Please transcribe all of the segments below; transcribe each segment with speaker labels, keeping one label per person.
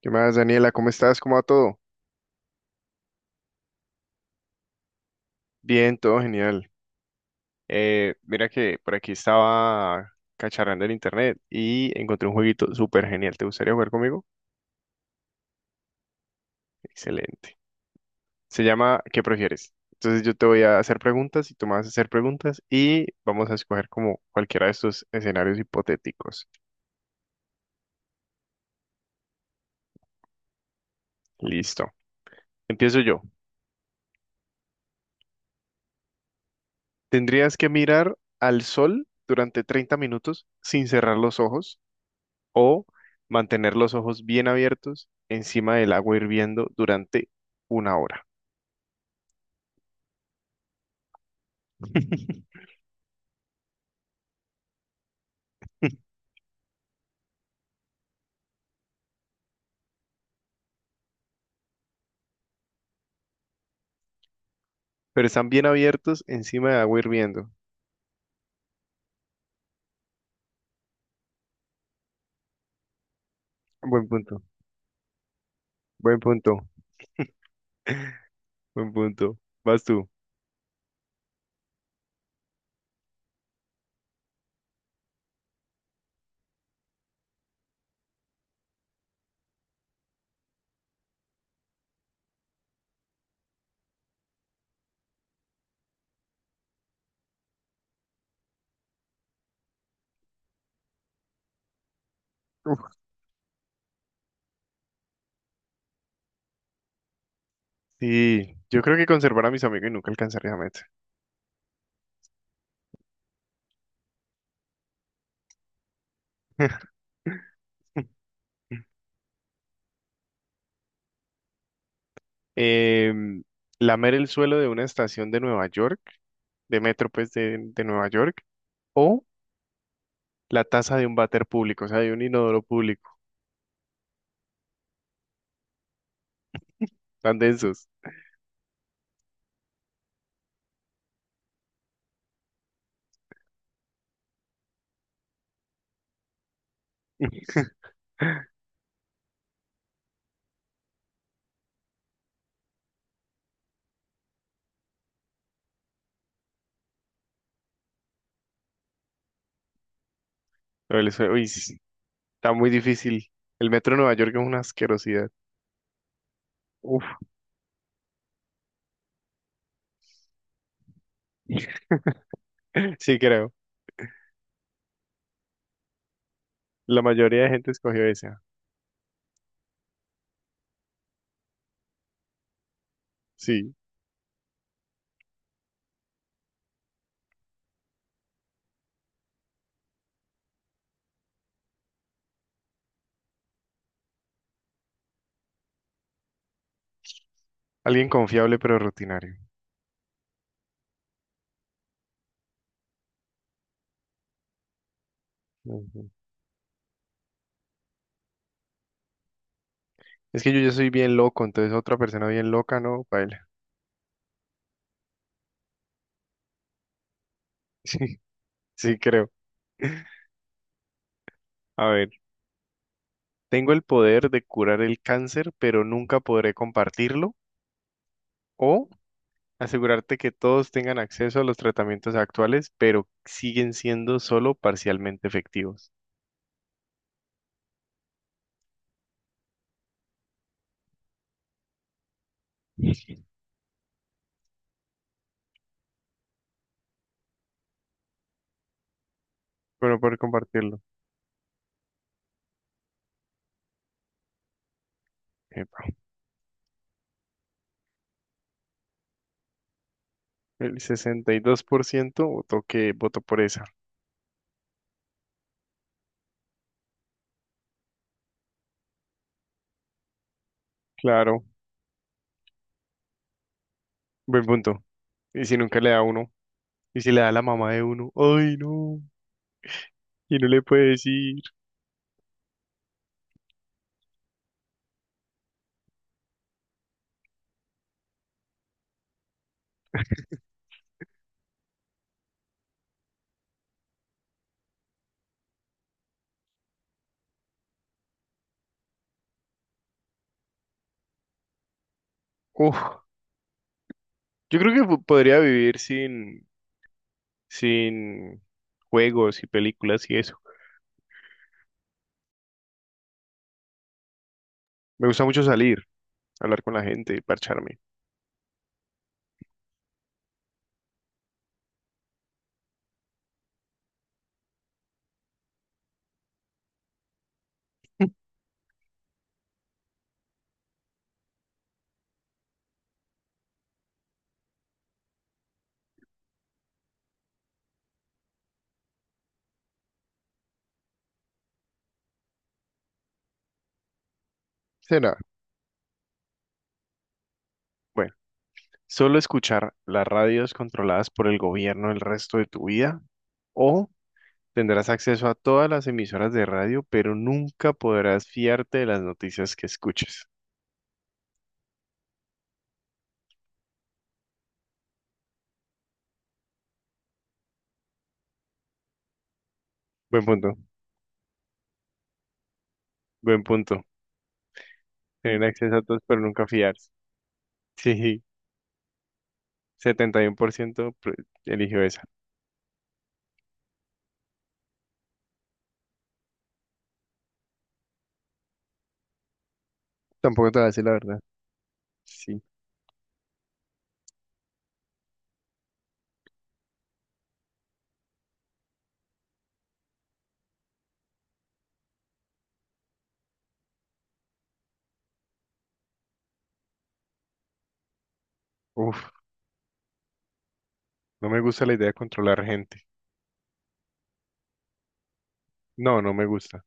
Speaker 1: ¿Qué más, Daniela? ¿Cómo estás? ¿Cómo va todo? Bien, todo genial. Mira que por aquí estaba cacharrando el internet y encontré un jueguito súper genial. ¿Te gustaría jugar conmigo? Excelente. Se llama ¿qué prefieres? Entonces yo te voy a hacer preguntas y tú me vas a hacer preguntas y vamos a escoger como cualquiera de estos escenarios hipotéticos. Listo. Empiezo yo. ¿Tendrías que mirar al sol durante 30 minutos sin cerrar los ojos, o mantener los ojos bien abiertos encima del agua hirviendo durante una hora? Pero están bien abiertos encima del agua hirviendo. Buen punto, buen punto, buen punto. Vas tú. Uf, sí, yo creo que conservar a mis amigos y nunca alcanzaría a meta. Em, Lamer el suelo de una estación de Nueva York, de metro, pues de Nueva York, o la taza de un váter público, o sea, de un inodoro público, tan densos. Pero el sue-, uy, sí, está muy difícil. El metro de Nueva York es una asquerosidad. Uf. Sí, creo. La mayoría de gente escogió esa. Sí. Alguien confiable pero rutinario. Ujú. Es que yo soy bien loco, entonces otra persona bien loca, ¿no? Baila. Sí, sí, creo. A ver, tengo el poder de curar el cáncer, pero nunca podré compartirlo. O asegurarte que todos tengan acceso a los tratamientos actuales, pero siguen siendo solo parcialmente efectivos. Bueno, poder compartirlo. Epa. El sesenta y dos por ciento votó, que votó por esa. Claro, buen punto. ¿Y si nunca le da a uno? ¿Y si le da a la mamá de uno? Ay, no. Y no le puede decir. Uf, yo creo que podría vivir sin, sin juegos y películas y eso. Me gusta mucho salir, hablar con la gente y parcharme. ¿Será? Bueno, solo escuchar las radios controladas por el gobierno el resto de tu vida, o tendrás acceso a todas las emisoras de radio, pero nunca podrás fiarte de las noticias que escuches. Buen punto, buen punto. Tener acceso a todos, pero nunca fiarse. Sí, 71% pre- eligió esa. Tampoco te voy a decir la verdad. Sí. Uf, no me gusta la idea de controlar gente. No, no me gusta.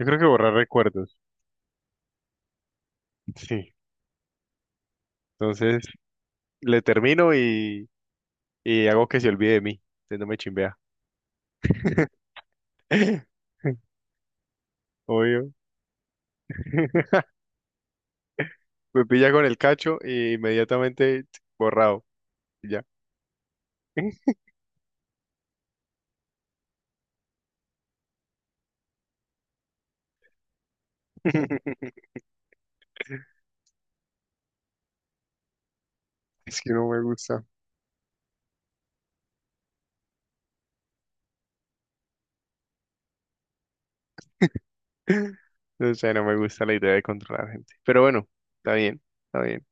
Speaker 1: Yo creo que borrar recuerdos. Sí. Entonces, le termino y hago que se olvide de mí. Entonces no me chimbea. Obvio. Me pilla con el cacho y inmediatamente, ch, borrado. Y ya. Es que no me gusta. O sea, no me gusta la idea de controlar gente. Pero bueno, está bien, está bien.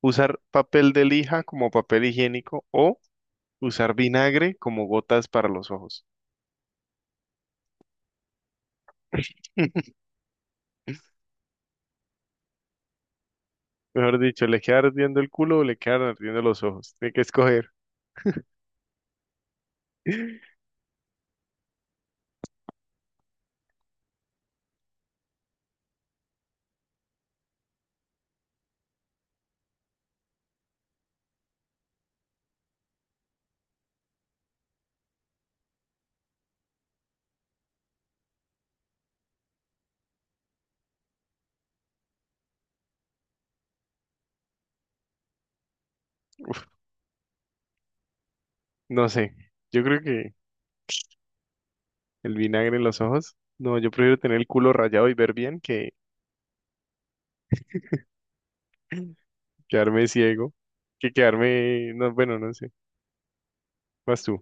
Speaker 1: Usar papel de lija como papel higiénico, o usar vinagre como gotas para los ojos. Mejor dicho, le queda ardiendo el culo o le quedan ardiendo los ojos. Hay que escoger. No sé. Yo creo que el vinagre en los ojos. No, yo prefiero tener el culo rayado y ver bien que quedarme ciego. Que quedarme. No, bueno, no sé. Vas tú.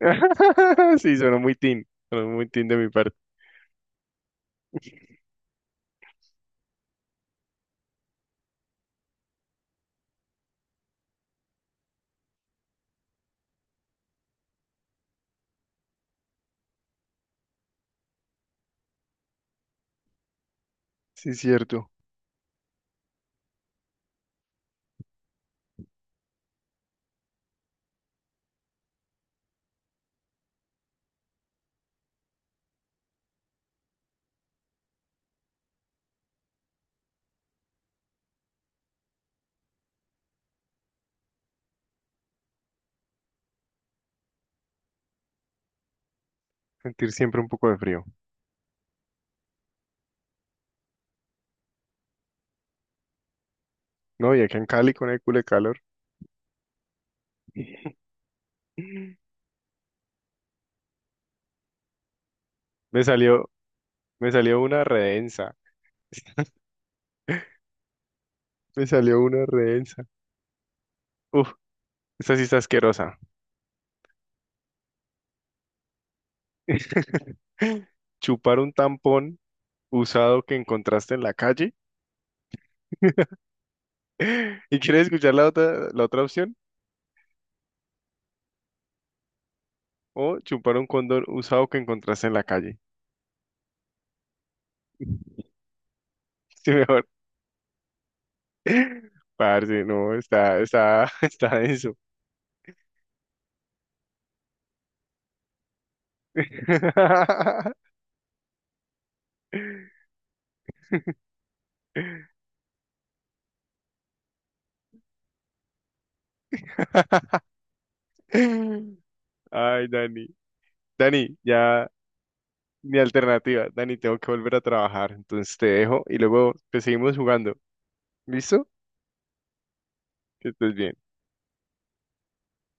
Speaker 1: Sí, suena muy teen. Suena muy teen de mi parte. Sí, cierto. Sentir siempre un poco de frío. No, y acá en Cali con el culo de calor. Me salió, Me salió una redensa. Me salió una redensa. Uf, esta sí está asquerosa. Chupar un tampón usado que encontraste en la calle. ¿Y quieres escuchar la otra opción? O chupar un condón usado que encontraste en la calle. Sí, mejor. Parce, no, está denso. Ay, Dani. Dani, ya mi alternativa. Dani, tengo que volver a trabajar. Entonces te dejo y luego te seguimos jugando. ¿Listo? Que estés bien.